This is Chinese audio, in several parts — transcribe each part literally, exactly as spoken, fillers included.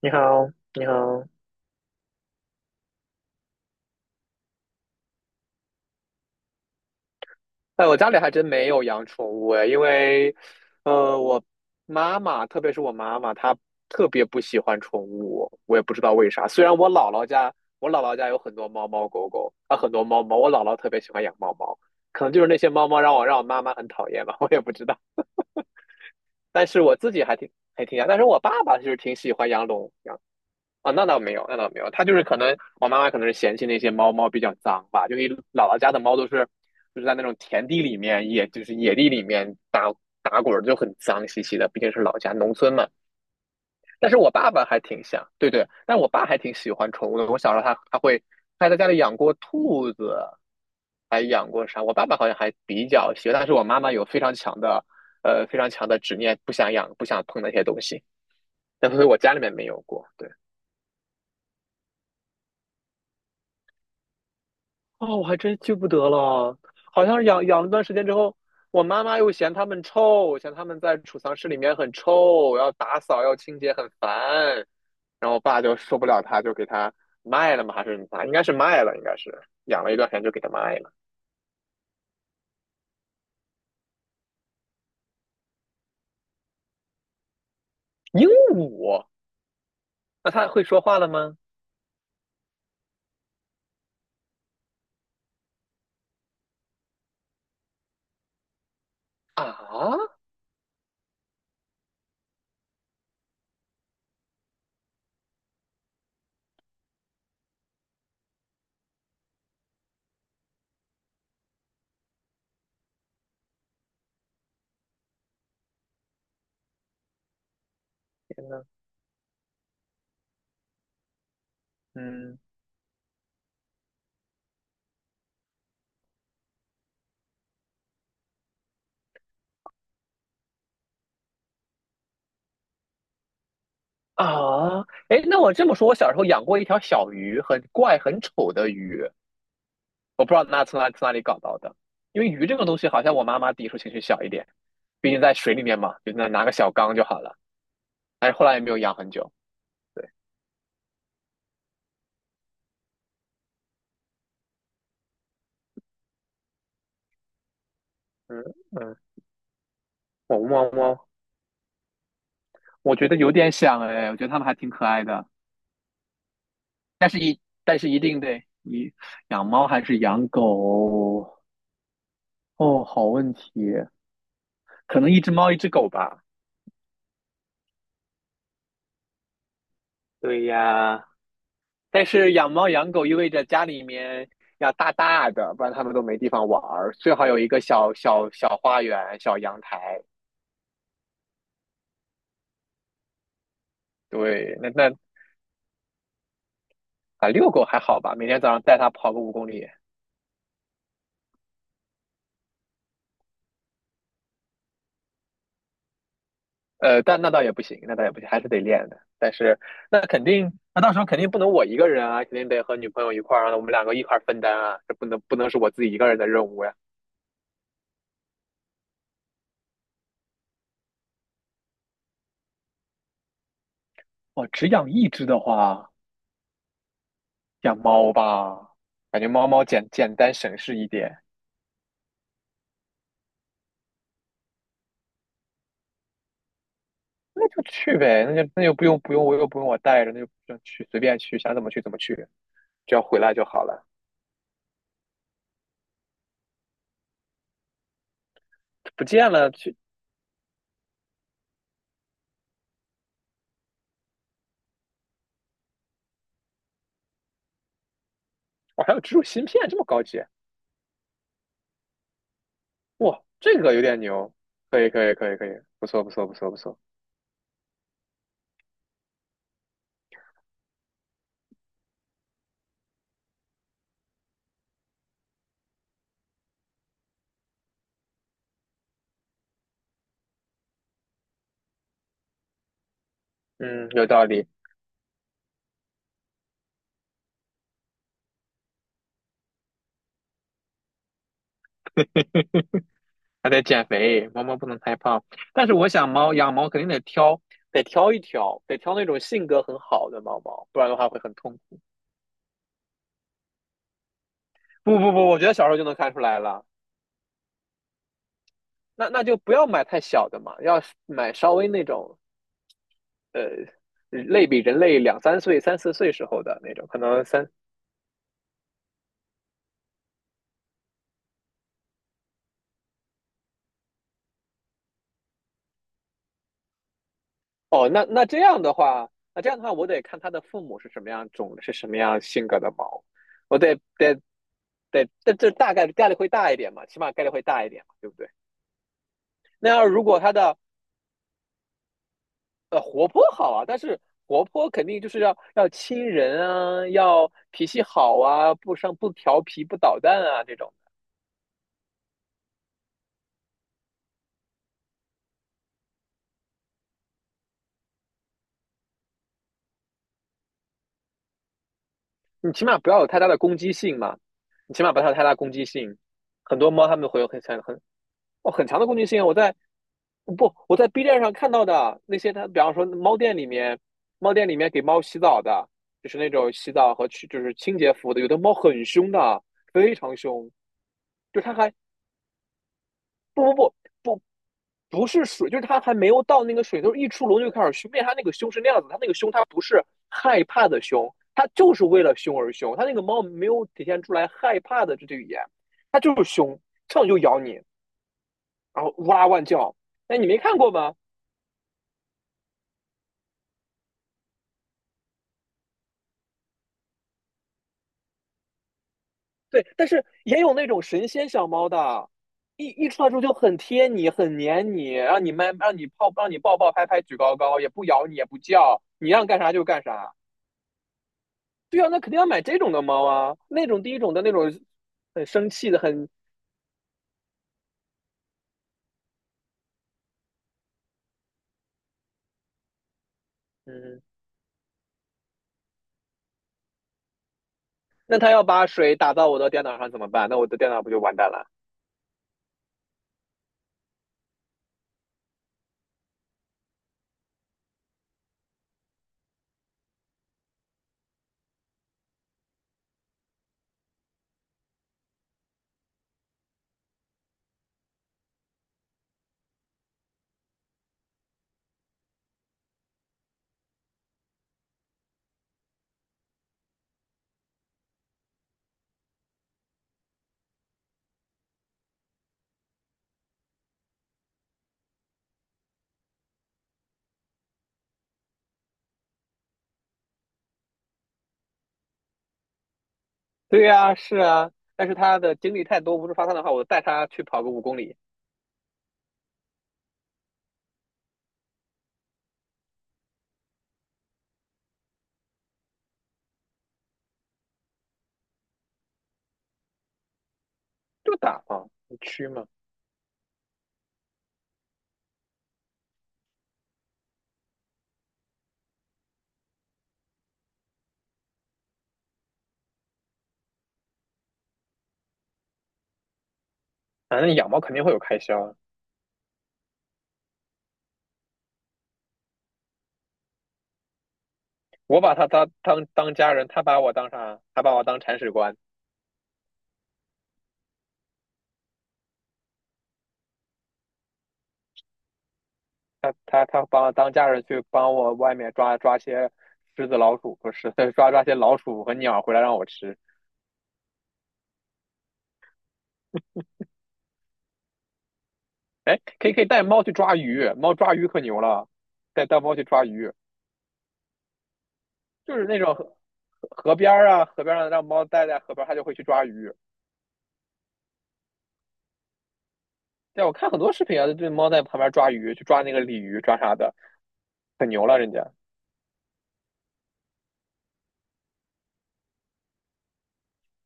你好。你好。哎，我家里还真没有养宠物哎，因为，呃，我妈妈，特别是我妈妈，她特别不喜欢宠物，我也不知道为啥。虽然我姥姥家，我姥姥家有很多猫猫狗狗，啊，很多猫猫，我姥姥特别喜欢养猫猫，可能就是那些猫猫让我让我妈妈很讨厌吧，我也不知道。但是我自己还挺还挺养，但是我爸爸就是挺喜欢养龙，养。啊，那倒没有，那倒没有，它就是可能我妈妈可能是嫌弃那些猫猫比较脏吧，就因为姥姥家的猫都是就是在那种田地里面，也就是野地里面打打滚儿，就很脏兮兮的，毕竟是老家农村嘛。但是我爸爸还挺像，对对，但我爸还挺喜欢宠物的。我小时候他他会他在家里养过兔子，还养过啥？我爸爸好像还比较喜欢，但是我妈妈有非常强的呃非常强的执念，不想养不想碰那些东西，但所以我家里面没有过。对。哦，我还真记不得了，好像是养养了段时间之后，我妈妈又嫌它们臭，嫌它们在储藏室里面很臭，要打扫要清洁很烦，然后我爸就受不了它，就给它卖了嘛，还是啥？应该是卖了，应该是养了一段时间就给它卖了。鹦鹉。那它会说话了吗？啊。天呐。嗯。啊。哎，那我这么说，我小时候养过一条小鱼，很怪、很丑的鱼，我不知道那从哪从哪里搞到的，因为鱼这个东西好像我妈妈抵触情绪小一点，毕竟在水里面嘛，就那拿个小缸就好了。但是后来也没有养很久。对。嗯。嗯。我猫猫，我觉得有点想哎，我觉得它们还挺可爱的，但是一但是一定得你养猫还是养狗。哦，好问题，可能一只猫一只狗吧。对呀，但是养猫养狗意味着家里面要大大的，不然它们都没地方玩儿。最好有一个小小小花园、小阳台。对，那那啊，遛狗还好吧？每天早上带它跑个五公里。呃，但那倒也不行，那倒也不行，还是得练的。但是那肯定，那到时候肯定不能我一个人啊，肯定得和女朋友一块儿啊，我们两个一块儿分担啊，这不能不能是我自己一个人的任务呀。我只养一只的话，养猫吧，感觉猫猫简简单省事一点。那就去呗，那就那就不用不用我又不用我带着，那就就去随便去，想怎么去怎么去，只要回来就好了。不见了，去。我还有植入芯片，这么高级。哇，这个有点牛，可以可以可以可以，不错不错不错不错。嗯，有道理。还得减肥，猫猫不能太胖。但是我想猫养猫肯定得挑，得挑一挑，得挑那种性格很好的猫猫，不然的话会很痛苦。不不不，我觉得小时候就能看出来了。那那就不要买太小的嘛，要买稍微那种呃，类比人类两三岁、三四岁时候的那种，可能三。哦，那那这样的话，那这样的话，我得看他的父母是什么样种，是什么样性格的猫，我得得得，这这大概概率会大一点嘛，起码概率会大一点嘛，对不对？那要如果它的呃活泼好啊，但是活泼肯定就是要要亲人啊，要脾气好啊，不生不调皮不捣蛋啊这种，你起码不要有太大的攻击性嘛，你起码不要有太大攻击性。很多猫它们会有很很很。哦，很强的攻击性啊。我在不，我在 B 站上看到的那些，他比方说猫店里面，猫店里面给猫洗澡的，就是那种洗澡和去就是清洁服务的，有的猫很凶的，非常凶，就是它还不不不不不是水，就是它还没有到那个水，就是一出笼就开始凶，并且它那个凶是那样子，它那个凶它不是害怕的凶，它就是为了凶而凶，它那个猫没有体现出来害怕的这句语言，它就是凶，上来就咬你，然后哇哇叫。哎，你没看过吗？对，但是也有那种神仙小猫的，一一出来之后就很贴你，很黏你，让你们让你抱，让你抱抱拍拍举高高，也不咬你，也不叫，你让干啥就干啥。对啊，那肯定要买这种的猫啊，那种第一种的那种很生气的，很。嗯，那它要把水打到我的电脑上怎么办？那我的电脑不就完蛋了？对呀，是啊，但是它的精力太多，不是发散的话，我带它去跑个五公里。就打嘛，你去嘛。反正养猫肯定会有开销啊。我把他当当当家人，他把我当啥？他把我当铲屎官。他他他把我当家人去帮我外面抓抓些狮子、老鼠，不是 抓抓些老鼠和鸟回来让我吃。哎，可以可以带猫去抓鱼，猫抓鱼可牛了，带带猫去抓鱼，就是那种河河边儿啊，河边上让猫待在河边它就会去抓鱼。对，我看很多视频啊，这猫在旁边抓鱼，去抓那个鲤鱼，抓啥的，可牛了人家。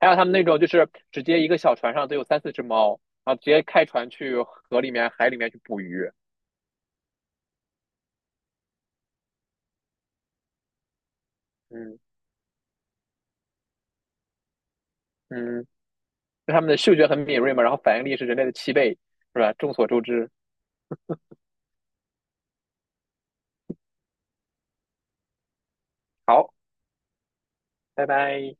还有他们那种就是直接一个小船上都有三四只猫，然后直接开船去河里面、海里面去捕鱼。嗯。嗯。那他们的嗅觉很敏锐嘛，然后反应力是人类的七倍，是吧？众所周知。好，拜拜。